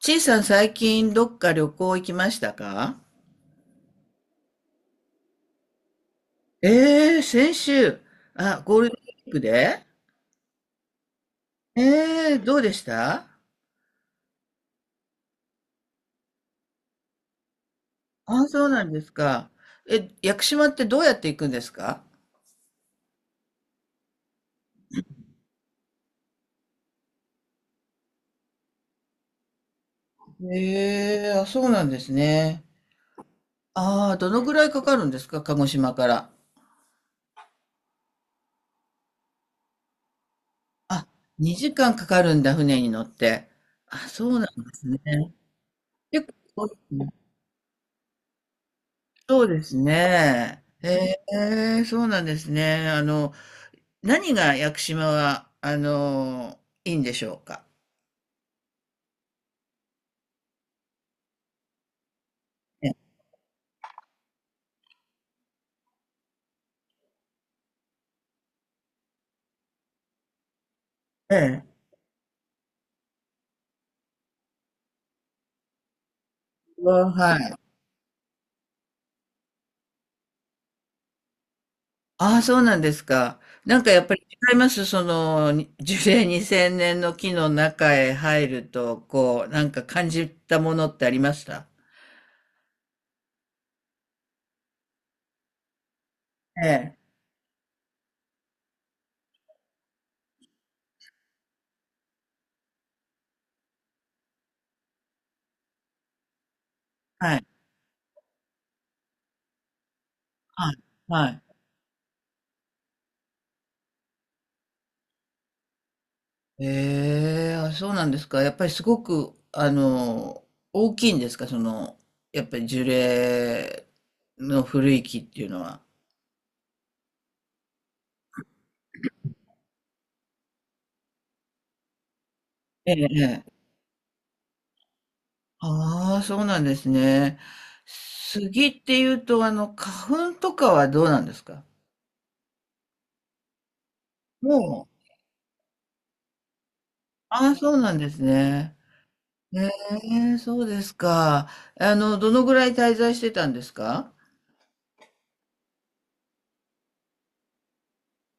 ちいさん、最近どっか旅行行きましたか？ええー、先週、ゴールデンウィークで。えどうでした？あ、そうなんですか。え、屋久島ってどうやって行くんですか？ええー、あ、そうなんですね。ああ、どのぐらいかかるんですか、鹿児島から。あ、2時間かかるんだ、船に乗って。あ、そうなんですね。結構、そうですね。ええー、そうなんですね。何が屋久島は、いいんでしょうか？ええ。ええ、はい。ああ、そうなんですか。なんかやっぱり違います。樹齢2000年の木の中へ入ると、こう、なんか感じたものってありました？ええ。はい。はい。はい。ええ、あ、そうなんですか。やっぱりすごく、大きいんですか、やっぱり樹齢の古い木っていうのは。ええ。え、ああ、そうなんですね。杉っていうと、花粉とかはどうなんですか？もう、ああ、そうなんですね。ええ、そうですか。どのぐらい滞在してたんですか？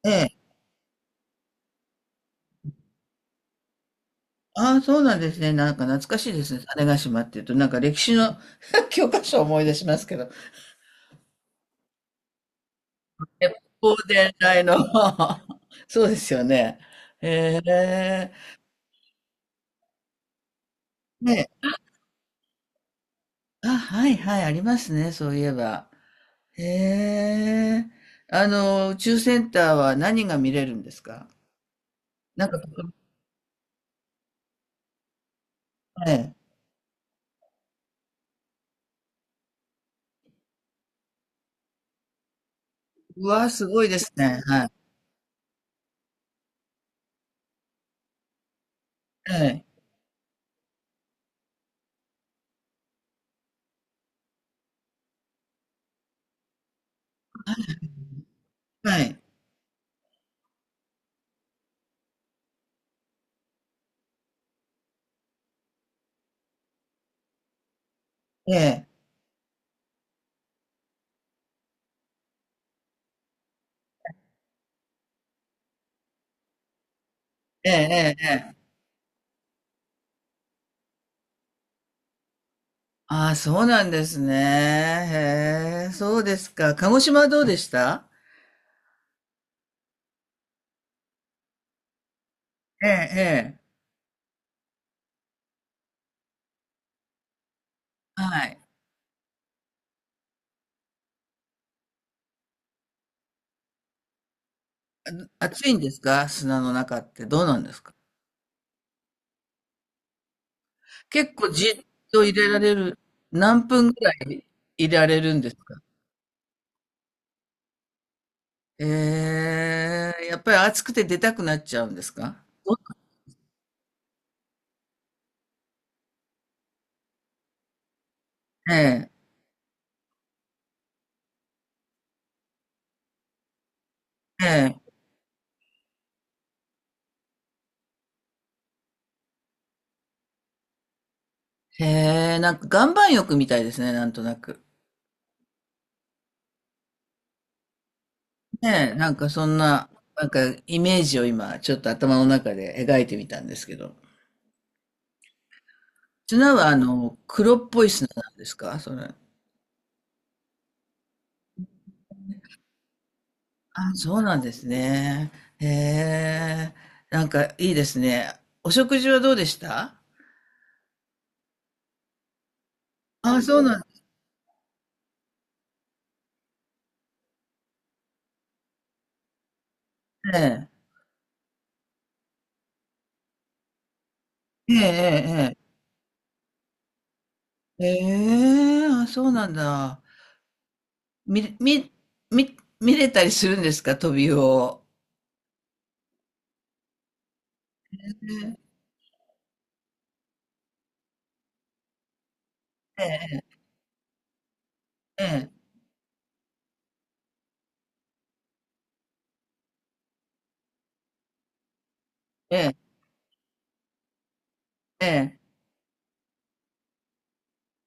ええ。ああ、そうなんですね。なんか懐かしいですね。種子島っていうと、なんか歴史の 教科書を思い出しますけど。鉄砲伝来の そうですよね。ええ。ね、あ、はいはい、ありますね。そういえば。へえ。宇宙センターは何が見れるんですか？なんか、ええ。うわ、すごいですね。はい。ええ。はい。ええ。ええ。ええ。ええ、ああ、そうなんですね。へえ。そうですか。鹿児島はどうでした？ええ、ええ。はい。あ、暑いんですか、砂の中って、どうなんですか？結構じっと入れられる。何分ぐらい入れられるんですか？ええ、やっぱり暑くて出たくなっちゃうんですか？ええ、ええ、へえ、なんか岩盤浴みたいですね、なんとなく。ねえ、なんかそんな、なんかイメージを今ちょっと頭の中で描いてみたんですけど。砂はあの、黒っぽい砂なんですか？それ。あ、そうなんですね。へえ、なんかいいですね。お食事はどうでした？あ、そうなんですねえ。ええ、ええええ。へえ、あ、そうなんだ。見、見、見れたりするんですか、トビウオを。ええ、ええ、ええ、ええ。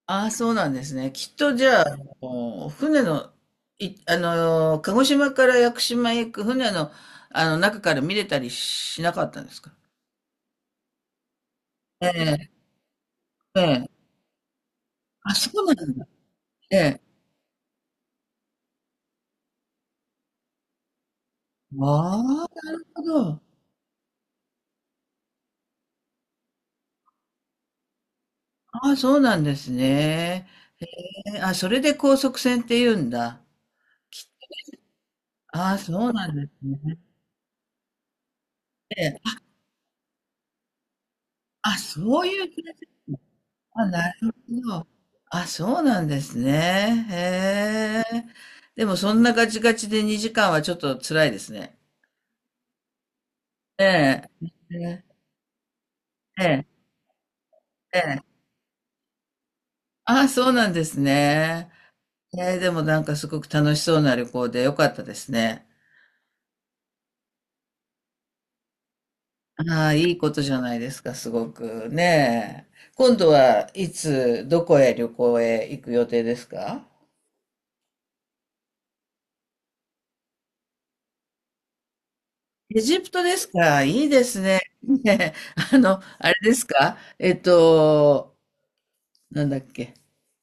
ああ、そうなんですね。きっとじゃあ、あの船の、い、鹿児島から屋久島へ行く船の、あの中から見れたりしなかったんですか？ええ、ええ。あ、そうなんだ。ええ。ああ、なるほど。ああ、そうなんですね。え、あ、それで高速船って言うんだ。ああ、そうなんですね。ええ、あ、そういう系、あ、なるほど。あ、そうなんですね。へえ。でもそんなガチガチで2時間はちょっと辛いですね。ええ。ええ。ええ。ええ、あ、そうなんですね。ええ、でもなんかすごく楽しそうな旅行でよかったですね。ああ、いいことじゃないですか、すごくねえ。今度はいつ、どこへ旅行へ行く予定ですか？エジプトですか、いいですね。ねえ、あの、あれですかえっと、なんだっけ。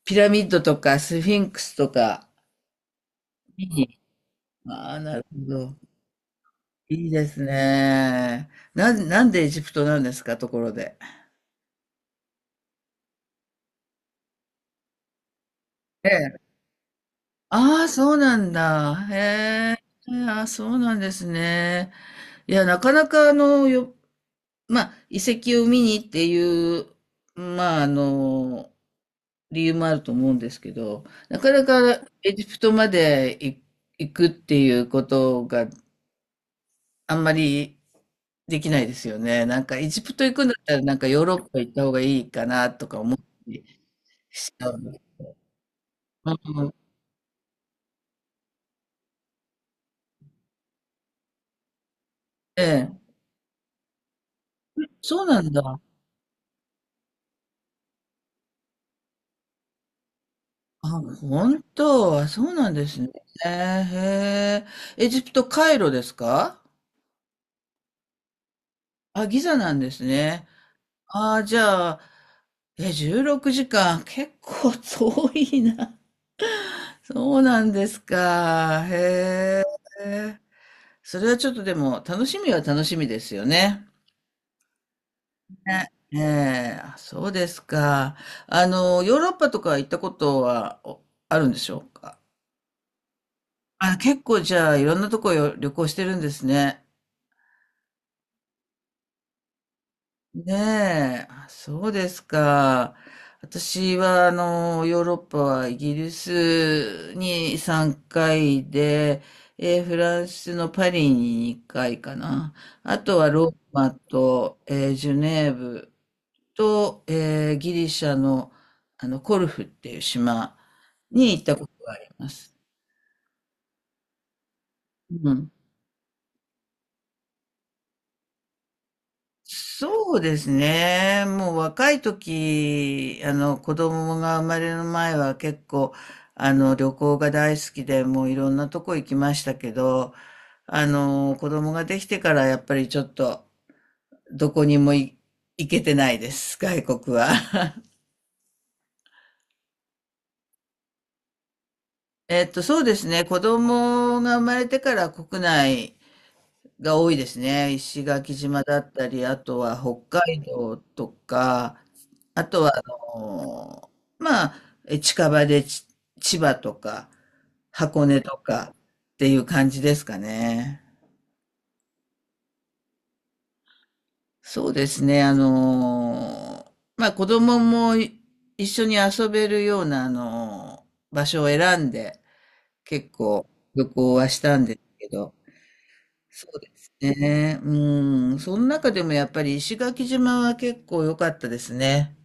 ピラミッドとかスフィンクスとか。ああ、なるほど。いいですね。なんでエジプトなんですか、ところで。ええ。ああ、そうなんだ。へえ。ああ、そうなんですね。いや、なかなかあの、よ、まあ、遺跡を見にっていう、まあ、あの、理由もあると思うんですけど、なかなかエジプトまで行くっていうことがあんまりできないですよね。なんかエジプト行くんだったらなんかヨーロッパ行った方がいいかなとか思って。うん、ええ。そうなんだ。あ、本当。あ、そうなんですね。えー、へえ。エジプト、カイロですか？あ、ギザなんですね。ああ、じゃあ、え、16時間。結構遠いな。そうなんですか。へえ。それはちょっとでも楽しみは楽しみですよね。ね、ええ、あ、そうですか。ヨーロッパとか行ったことはあるんでしょうか。あ、結構じゃあいろんなとこ旅行してるんですね。ねえ、あ、そうですか。私は、ヨーロッパはイギリスに3回で、えー、フランスのパリに2回かな。あとはローマと、えー、ジュネーブと、えー、ギリシャの、コルフっていう島に行ったことがあります。うん。そうですね。もう若い時、あの子供が生まれる前は結構、あの旅行が大好きで、もういろんなとこ行きましたけど、あの子供ができてからやっぱりちょっとどこにもい行けてないです、外国は。えっと、そうですね。子供が生まれてから国内が多いですね。石垣島だったり、あとは北海道とか、あとは、のーまあ、近場で千葉とか、箱根とかっていう感じですかね。そうですね。まあ、子供もい一緒に遊べるような、あのー場所を選んで、結構旅行はしたんですけど、そうですね。うん。その中でもやっぱり石垣島は結構良かったですね。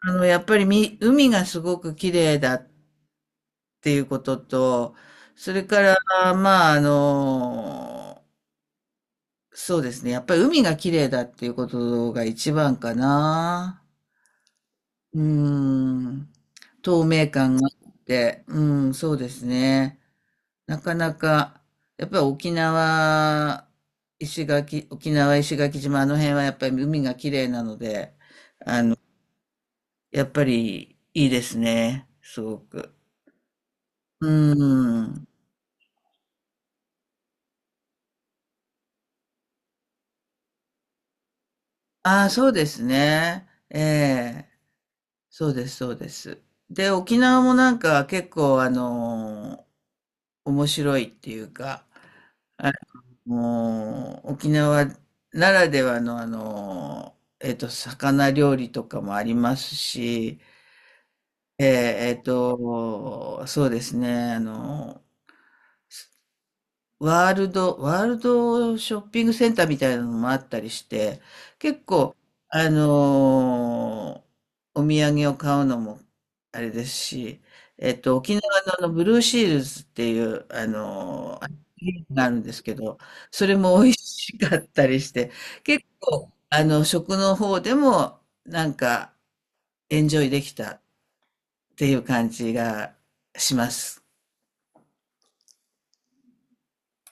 あの、やっぱりみ、海がすごく綺麗だっていうことと、それから、まあ、あの、そうですね。やっぱり海が綺麗だっていうことが一番かな。うーん。透明感があって、うん、そうですね。なかなか、やっぱり沖縄、石垣、沖縄、石垣島、あの辺はやっぱり海が綺麗なので、やっぱりいいですね、すごく。うん。ああ、そうですね。ええ。そうです、そうです。で、沖縄もなんか結構面白いっていうか、あの沖縄ならではのあの、えっと、魚料理とかもありますし、えー、えっと、そうですね、あの、ワールドショッピングセンターみたいなのもあったりして、結構、あのーお土産を買うのも、あれですし、えっと、沖縄のあの、ブルーシールズっていう、あのーアイスクリームがあるんですけど、それも美味しかったりして、結構、あの、食の方でも、なんか、エンジョイできたっていう感じがします。